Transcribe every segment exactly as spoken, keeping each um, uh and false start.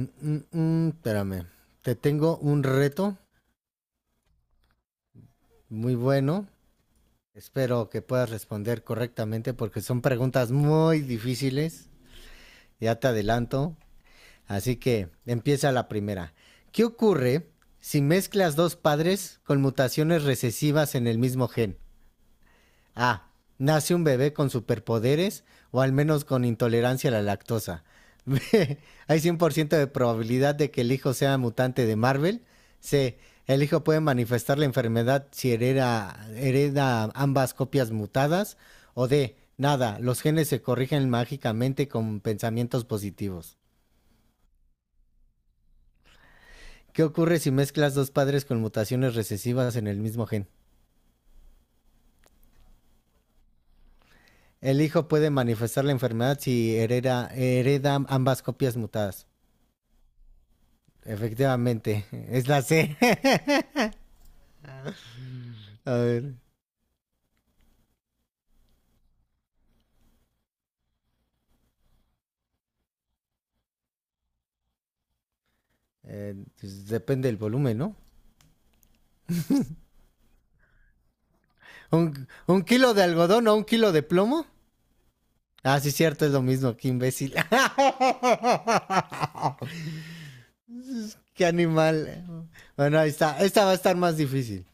Mm, mm, mm, espérame. Te tengo un reto muy bueno. Espero que puedas responder correctamente porque son preguntas muy difíciles. Ya te adelanto. Así que empieza la primera. ¿Qué ocurre si mezclas dos padres con mutaciones recesivas en el mismo gen? A. Nace un bebé con superpoderes o al menos con intolerancia a la lactosa. B. Hay cien por ciento de probabilidad de que el hijo sea mutante de Marvel. C. El hijo puede manifestar la enfermedad si hereda, hereda ambas copias mutadas. O D. Nada, los genes se corrigen mágicamente con pensamientos positivos. ¿Qué ocurre si mezclas dos padres con mutaciones recesivas en el mismo gen? El hijo puede manifestar la enfermedad si hereda, hereda ambas copias mutadas. Efectivamente, es la C. A ver, eh, pues depende del volumen, ¿no? ¿Un, un kilo de algodón o un kilo de plomo? Ah, sí, cierto, es lo mismo, qué imbécil. Qué animal. Bueno, ahí está. Esta va a estar más difícil.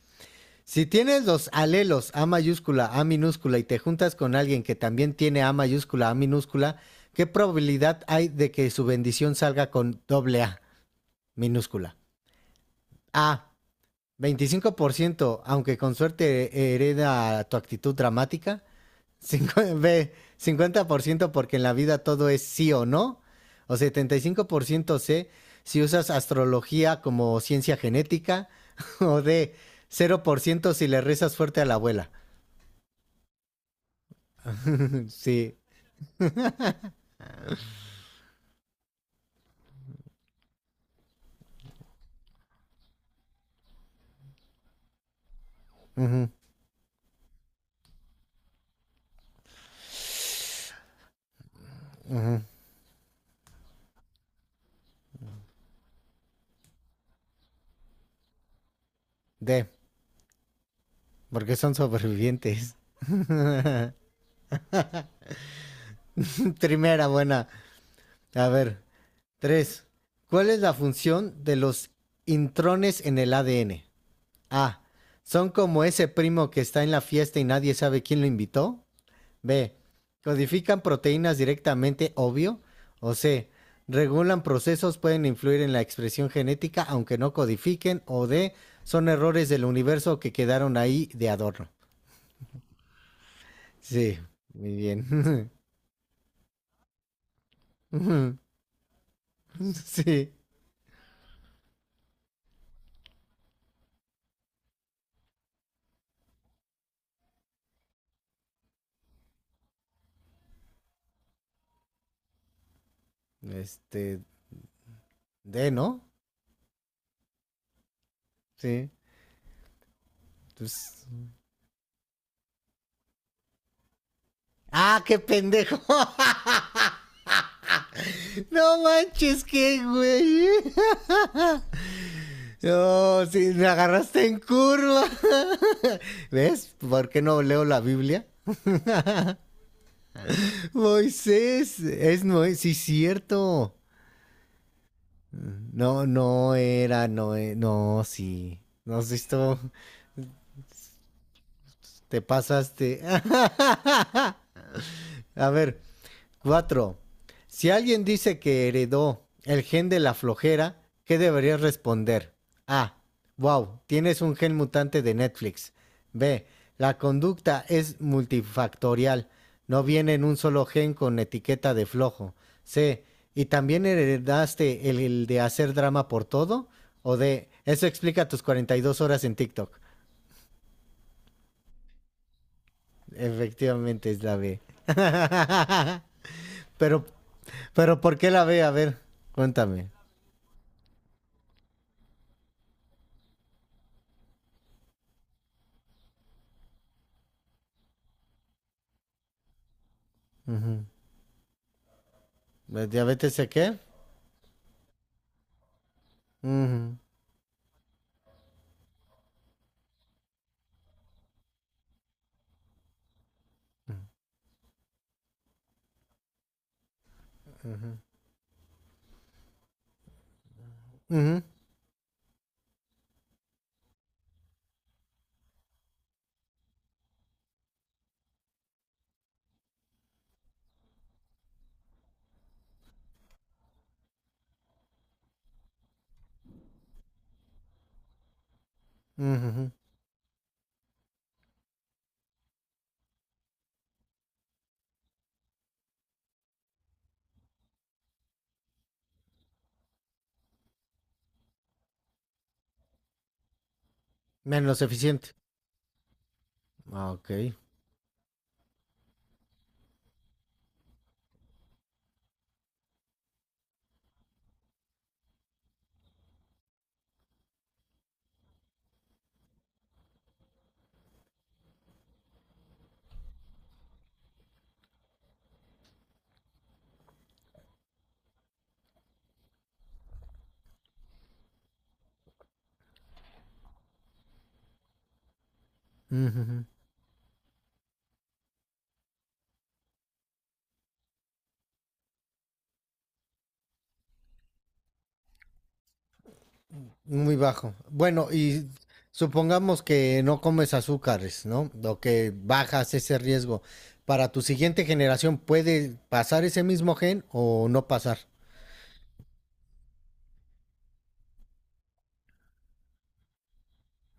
Si tienes los alelos A mayúscula, A minúscula y te juntas con alguien que también tiene A mayúscula, A minúscula, ¿qué probabilidad hay de que su bendición salga con doble A minúscula? A, Veinticinco por ciento, aunque con suerte eh, hereda tu actitud dramática. Cincuenta por ciento porque en la vida todo es sí o no. O setenta y cinco por ciento C si usas astrología como ciencia genética. O D cero por ciento si le rezas fuerte a la abuela. Sí. Ujú. D porque son sobrevivientes. Primera buena. A ver. Tres. ¿Cuál es la función de los intrones en el A D N? A. Son como ese primo que está en la fiesta y nadie sabe quién lo invitó. B. Codifican proteínas directamente, obvio. O C. Regulan procesos, pueden influir en la expresión genética, aunque no codifiquen. O D. Son errores del universo que quedaron ahí de adorno. Sí, muy bien. Sí. Este. D, ¿no? Sí. Pues... ¡Ah, qué pendejo! No manches, qué güey. No, oh, sí, me agarraste en curva. ¿Ves? ¿Por qué no leo la Biblia? Moisés, es Moisés, sí, cierto. No, no era, no, e- no, sí. No has visto, te pasaste. A ver, Cuatro. Si alguien dice que heredó el gen de la flojera, ¿qué deberías responder? A. Wow, tienes un gen mutante de Netflix. B. La conducta es multifactorial. No viene en un solo gen con etiqueta de flojo. C. ¿Y también heredaste el, el de hacer drama por todo? O D. Eso explica tus cuarenta y dos horas en TikTok. Efectivamente es la B. pero, pero ¿por qué la B? A ver, cuéntame. Ujú. ¿De diabetes de qué? Ujú, ujú, ujú, ujú. Ujú. Menos eficiente. Ah, ok. Ujú. Muy bajo. Bueno, y supongamos que no comes azúcares, ¿no? O que bajas ese riesgo. ¿Para tu siguiente generación puede pasar ese mismo gen o no pasar?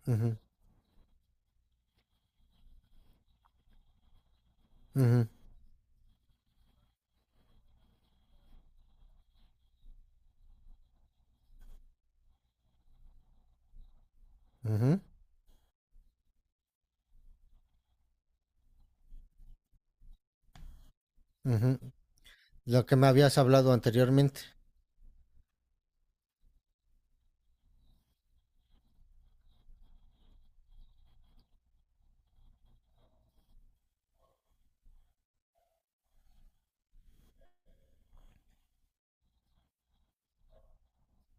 Ujú, ujú, ujú, ujú. Lo que me habías hablado anteriormente.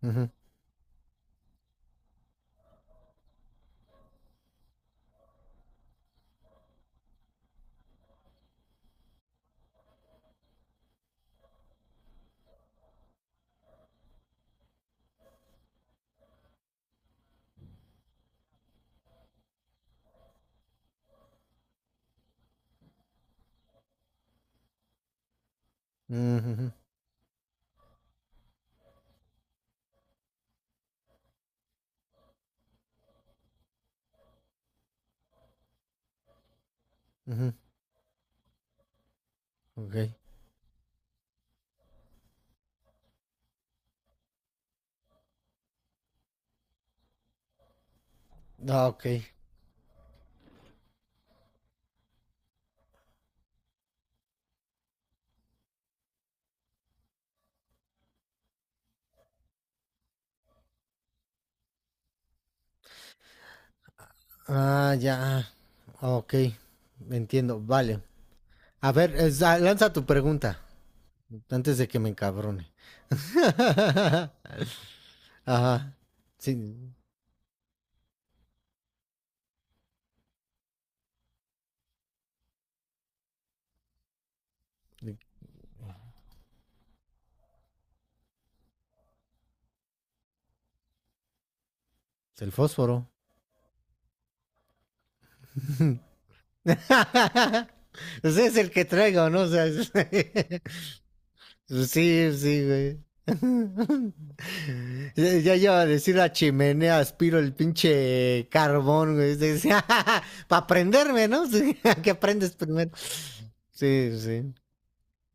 Ujú, ujú, ujú, ujú. Ok. Ah, ok. Ah, ya. Ah, ok, entiendo. Vale. A ver, es- ah, lanza tu pregunta antes de que me encabrone. Ajá. Sí, el fósforo. Ese es el que traigo, ¿no? O sea, es- sí, sí, güey. Ya, ya iba a decir la chimenea, aspiro el pinche carbón, güey. Para prenderme, ¿no? Sí, que prendes primero. Sí, sí.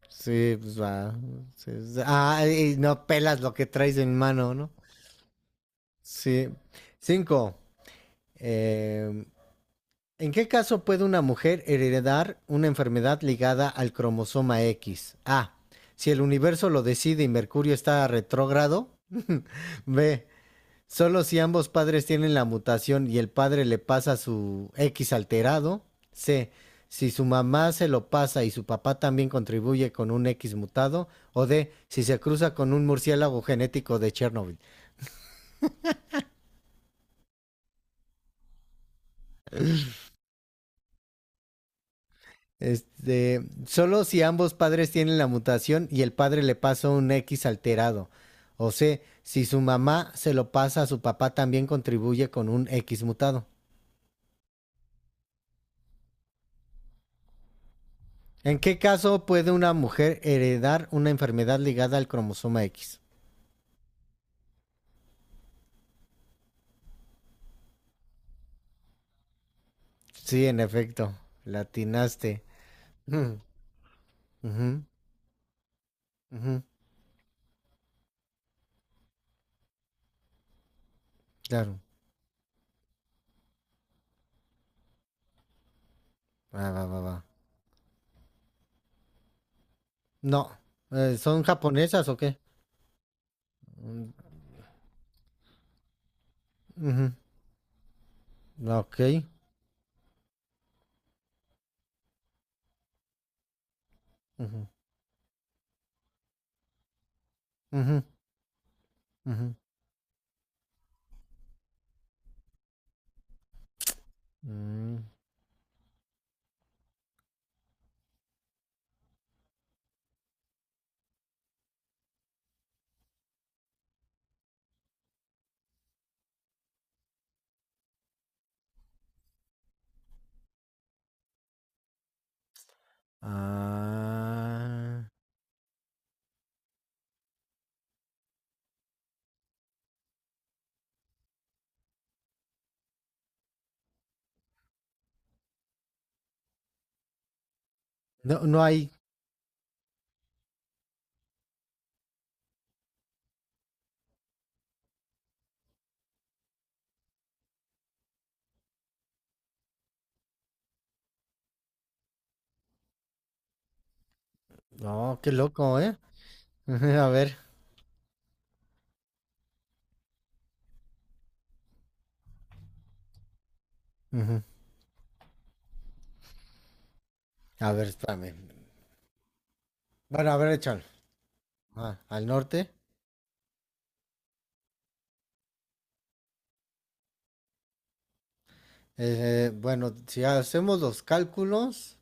Sí, pues va. Sí, sí. Ah, y no pelas lo que traes en mano, ¿no? Sí. Cinco. eh, ¿En qué caso puede una mujer heredar una enfermedad ligada al cromosoma X? A. Si el universo lo decide y Mercurio está retrógrado. B. Solo si ambos padres tienen la mutación y el padre le pasa su X alterado. C. Si su mamá se lo pasa y su papá también contribuye con un X mutado. O D. Si se cruza con un murciélago genético de Chernobyl. Este, solo si ambos padres tienen la mutación y el padre le pasa un X alterado. O C. Si su mamá se lo pasa a su papá también contribuye con un X mutado. ¿En qué caso puede una mujer heredar una enfermedad ligada al cromosoma X? Sí, en efecto, latinaste. Mm, ujú, ujú, claro. Va, va, va, va. No, eh, ¿son japonesas o qué? Mm, ujú, ok. Ujú, ujú, ujú. Mm, ah, no, no hay. No, qué loco, ¿eh? Ujú, a ver. Ujú, a ver, espérame. Bueno, a ver, échalo. Ah, al norte. Eh, bueno, si hacemos los cálculos,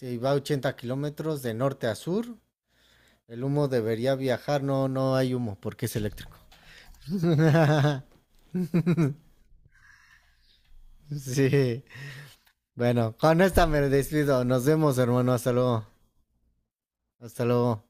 si va ochenta kilómetros de norte a sur. El humo debería viajar, no, no hay humo porque es eléctrico. Sí. Bueno, con esta me despido. Nos vemos, hermano. Hasta luego. Hasta luego.